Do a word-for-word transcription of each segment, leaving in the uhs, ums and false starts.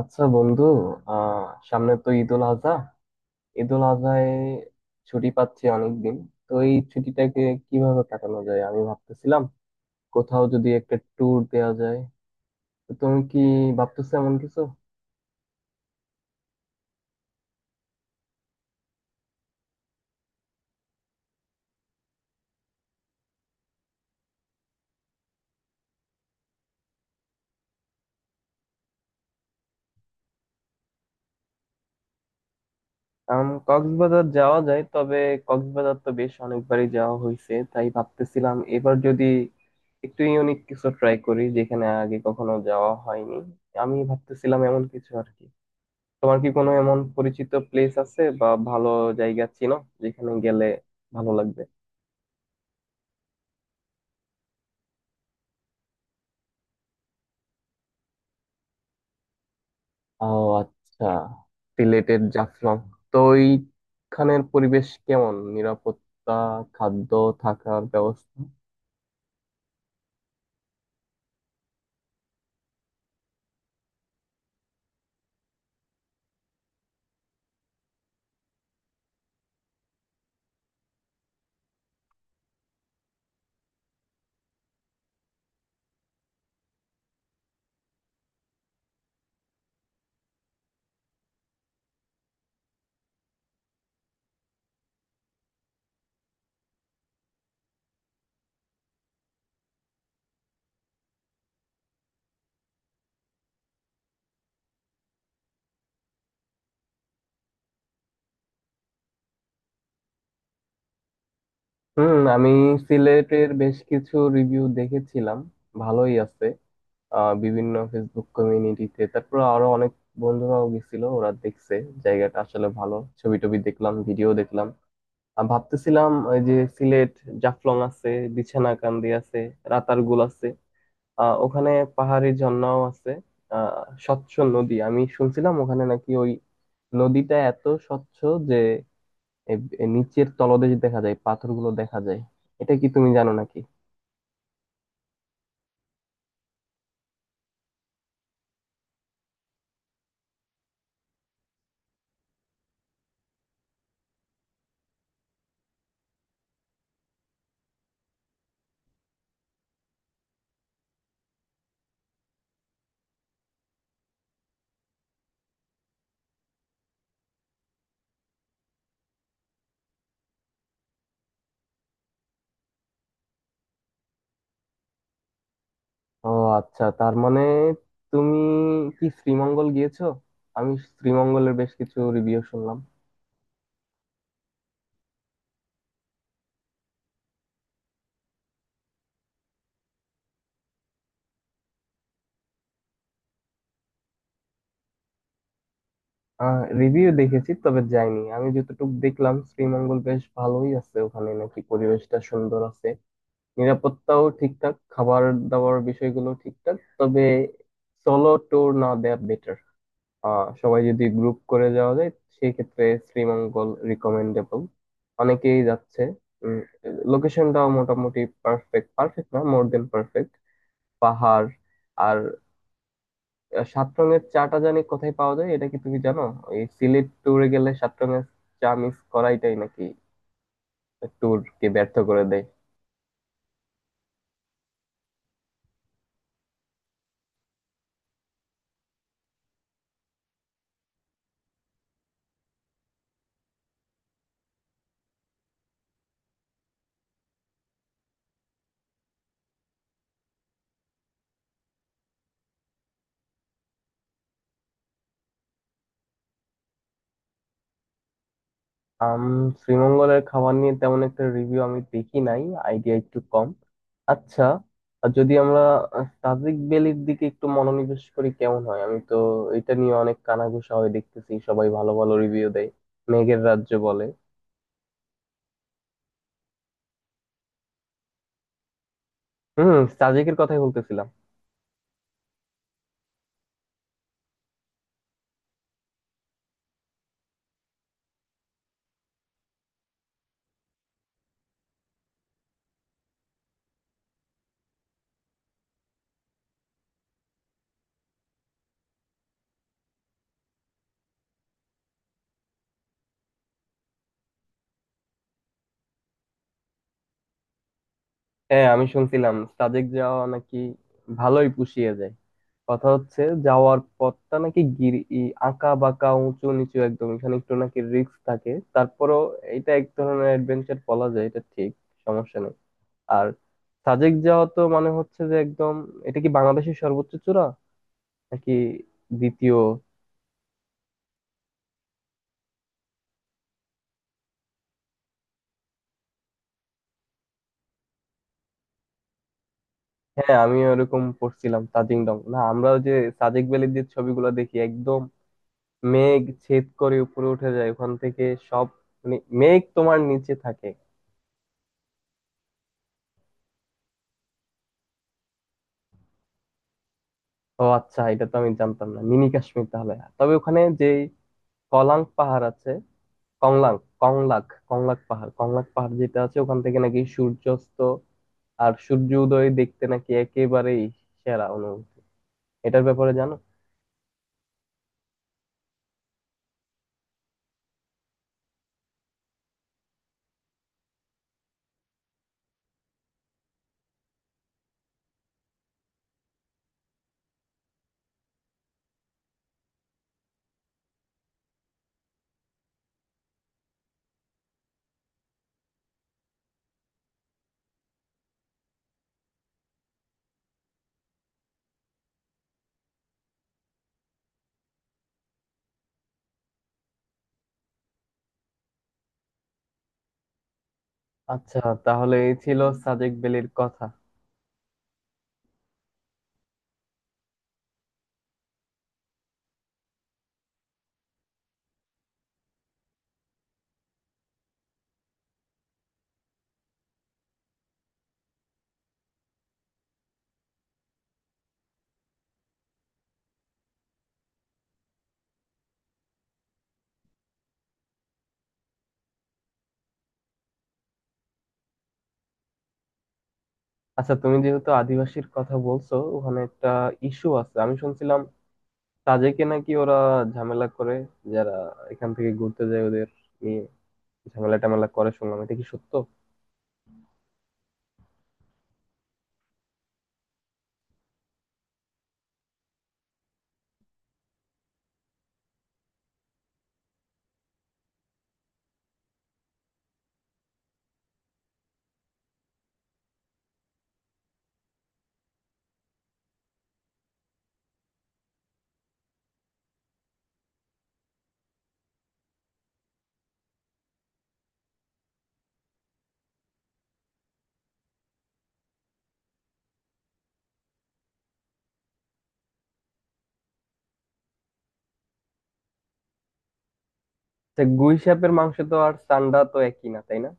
আচ্ছা বন্ধু। আহ সামনে তো ঈদুল আজহা। ঈদুল আজহায় ছুটি পাচ্ছি অনেকদিন। তো এই ছুটিটাকে কিভাবে কাটানো যায় আমি ভাবতেছিলাম, কোথাও যদি একটা ট্যুর দেওয়া যায়। তো তুমি কি ভাবতেছো এমন কিছু? আম, কক্সবাজার যাওয়া যায়, তবে কক্সবাজার তো বেশ অনেকবারই যাওয়া হয়েছে, তাই ভাবতেছিলাম এবার যদি একটু ইউনিক কিছু ট্রাই করি, যেখানে আগে কখনো যাওয়া হয়নি। আমি ভাবতেছিলাম এমন কিছু আর কি। তোমার কি কোনো এমন পরিচিত প্লেস আছে বা ভালো জায়গা চিনো, যেখানে গেলে ভালো লাগবে? ও আচ্ছা, সিলেটের জাফলং। তো ওইখানের পরিবেশ কেমন, নিরাপত্তা, খাদ্য, থাকার ব্যবস্থা? হুম, আমি সিলেটের বেশ কিছু রিভিউ দেখেছিলাম, ভালোই আছে। আহ বিভিন্ন ফেসবুক কমিউনিটিতে, তারপর আরো অনেক বন্ধুরাও গেছিল, ওরা দেখছে জায়গাটা আসলে ভালো। ছবি টবি দেখলাম, ভিডিও দেখলাম। আর ভাবতেছিলাম, ওই যে সিলেট, জাফলং আছে, বিছানাকান্দি আছে, রাতারগুল আছে, আহ ওখানে পাহাড়ি ঝর্ণাও আছে। আহ স্বচ্ছ নদী আমি শুনছিলাম ওখানে, নাকি ওই নদীটা এত স্বচ্ছ যে এ- এ নিচের তলদেশ দেখা যায়, পাথরগুলো দেখা যায়। এটা কি তুমি জানো নাকি? ও আচ্ছা, তার মানে তুমি কি শ্রীমঙ্গল গিয়েছো? আমি শ্রীমঙ্গলের বেশ কিছু রিভিউ শুনলাম। আহ রিভিউ দেখেছি, তবে যাইনি। আমি যতটুকু দেখলাম, শ্রীমঙ্গল বেশ ভালোই আছে, ওখানে নাকি পরিবেশটা সুন্দর আছে, নিরাপত্তাও ঠিকঠাক, খাবার দাবার বিষয়গুলো ঠিকঠাক। তবে সোলো ট্যুর না দেয়া বেটার। আহ সবাই যদি গ্রুপ করে যাওয়া যায়, সেই ক্ষেত্রে শ্রীমঙ্গল রিকমেন্ডেবল, অনেকেই যাচ্ছে। উম লোকেশনটাও মোটামুটি পারফেক্ট, পারফেক্ট না, মোর দেন পারফেক্ট। পাহাড়, আর আহ, সাত রঙের চাটা জানি কোথায় পাওয়া যায়, এটা কি তুমি জানো? এই সিলেট ট্যুরে গেলে সাত রঙের চা মিস করাইটাই নাকি ট্যুর কে ব্যর্থ করে দেয়। আম শ্রীমঙ্গলের খাবার নিয়ে তেমন একটা রিভিউ আমি দেখি নাই, আইডিয়া একটু কম। আচ্ছা, আর যদি আমরা আহ, সাজেক ভ্যালির দিকে একটু মনোনিবেশ করি, কেমন হয়? আমি তো এটা নিয়ে অনেক কানাঘুষা হয় দেখতেছি, সবাই ভালো ভালো রিভিউ দেয়, মেঘের রাজ্য বলে। হুম, সাজেকের কথাই বলতেছিলাম। হ্যাঁ, আমি শুনছিলাম সাজেক যাওয়া নাকি ভালোই পুষিয়ে যায়। কথা হচ্ছে, যাওয়ার পথটা নাকি গিরি ই- আঁকা বাঁকা উঁচু নিচু, একদম এখানে একটু নাকি রিস্ক থাকে। তারপরও এটা এক ধরনের অ্যাডভেঞ্চার বলা যায়, এটা ঠিক, সমস্যা নেই। আর সাজেক যাওয়া তো মানে হচ্ছে যে একদম, এটা কি বাংলাদেশের সর্বোচ্চ চূড়া নাকি দ্বিতীয়? হ্যাঁ, আমি ওরকম পড়ছিলাম তাজিংডং না। আমরা ওই যে সাজেক ভ্যালির যে ছবিগুলো দেখি, একদম মেঘ ছেদ করে উপরে উঠে যায়, ওখান থেকে সব, মানে মেঘ তোমার নিচে থাকে। ও আচ্ছা, এটা তো আমি জানতাম না, মিনি কাশ্মীর তাহলে। তবে ওখানে যে কলাং পাহাড় আছে কংলাং কংলাক কংলাক পাহাড় কংলাক পাহাড় যেটা আছে, ওখান থেকে নাকি সূর্যাস্ত আর সূর্য উদয় দেখতে নাকি একেবারেই সেরা অনুভূতি। এটার ব্যাপারে জানো? আচ্ছা, তাহলে এই ছিল সাজেক ভ্যালির কথা। আচ্ছা, তুমি যেহেতু আদিবাসীর কথা বলছো, ওখানে একটা ইস্যু আছে, আমি শুনছিলাম তাজেকে নাকি ওরা ঝামেলা করে, যারা এখান থেকে ঘুরতে যায় ওদের নিয়ে ঝামেলা টামেলা করে, শুনলাম। এটা কি সত্য? তা গুই সাপের মাংস তো আর চান্ডা তো একই না, তাই না?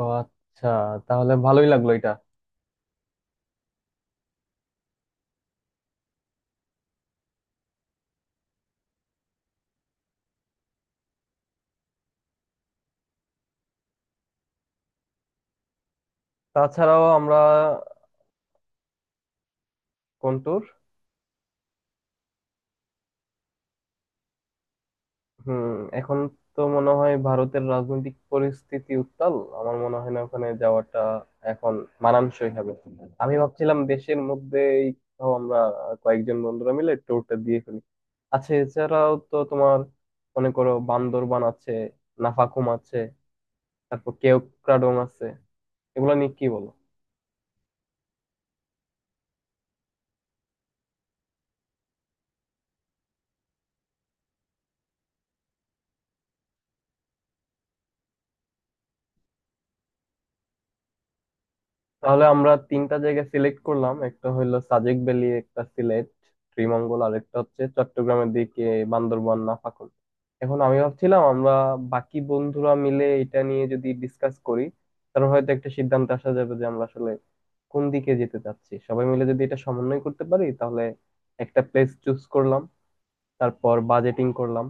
ও আচ্ছা, তাহলে ভালোই লাগলো এটা। তাছাড়াও আমরা কোন tour? হুম, এখন তো মনে হয় ভারতের রাজনৈতিক পরিস্থিতি উত্তাল, আমার মনে হয় না ওখানে যাওয়াটা এখন মানানসই হবে। আমি ভাবছিলাম দেশের মধ্যেই কোথাও আমরা কয়েকজন বন্ধুরা মিলে ট্যুরটা দিয়ে ফেলি। আচ্ছা, এছাড়াও তো তোমার, মনে করো, বান্দরবান আছে, নাফাকুম আছে, তারপর কেওক্রাডং আছে, এগুলো নিয়ে কি বলো? তাহলে আমরা তিনটা জায়গা সিলেক্ট করলাম, একটা হইলো সাজেক ভ্যালি, একটা সিলেট শ্রীমঙ্গল, আর একটা হচ্ছে চট্টগ্রামের দিকে বান্দরবান নাফাখুল। এখন আমি ভাবছিলাম আমরা বাকি বন্ধুরা মিলে এটা নিয়ে যদি ডিসকাস করি, তাহলে হয়তো একটা সিদ্ধান্তে আসা যাবে যে আমরা আসলে কোন দিকে যেতে চাচ্ছি। সবাই মিলে যদি এটা সমন্বয় করতে পারি, তাহলে একটা প্লেস চুজ করলাম, তারপর বাজেটিং করলাম,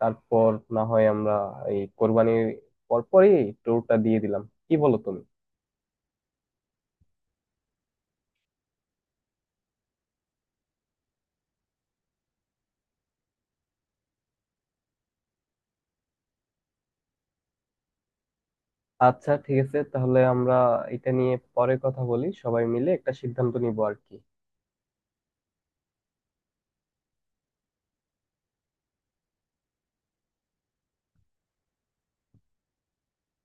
তারপর না হয় আমরা এই কোরবানির পরপরই ট্যুরটা দিয়ে দিলাম। কি বলো তুমি? আচ্ছা, ঠিক আছে, তাহলে আমরা এটা নিয়ে পরে কথা বলি, সবাই মিলে একটা সিদ্ধান্ত নিবো আর কি।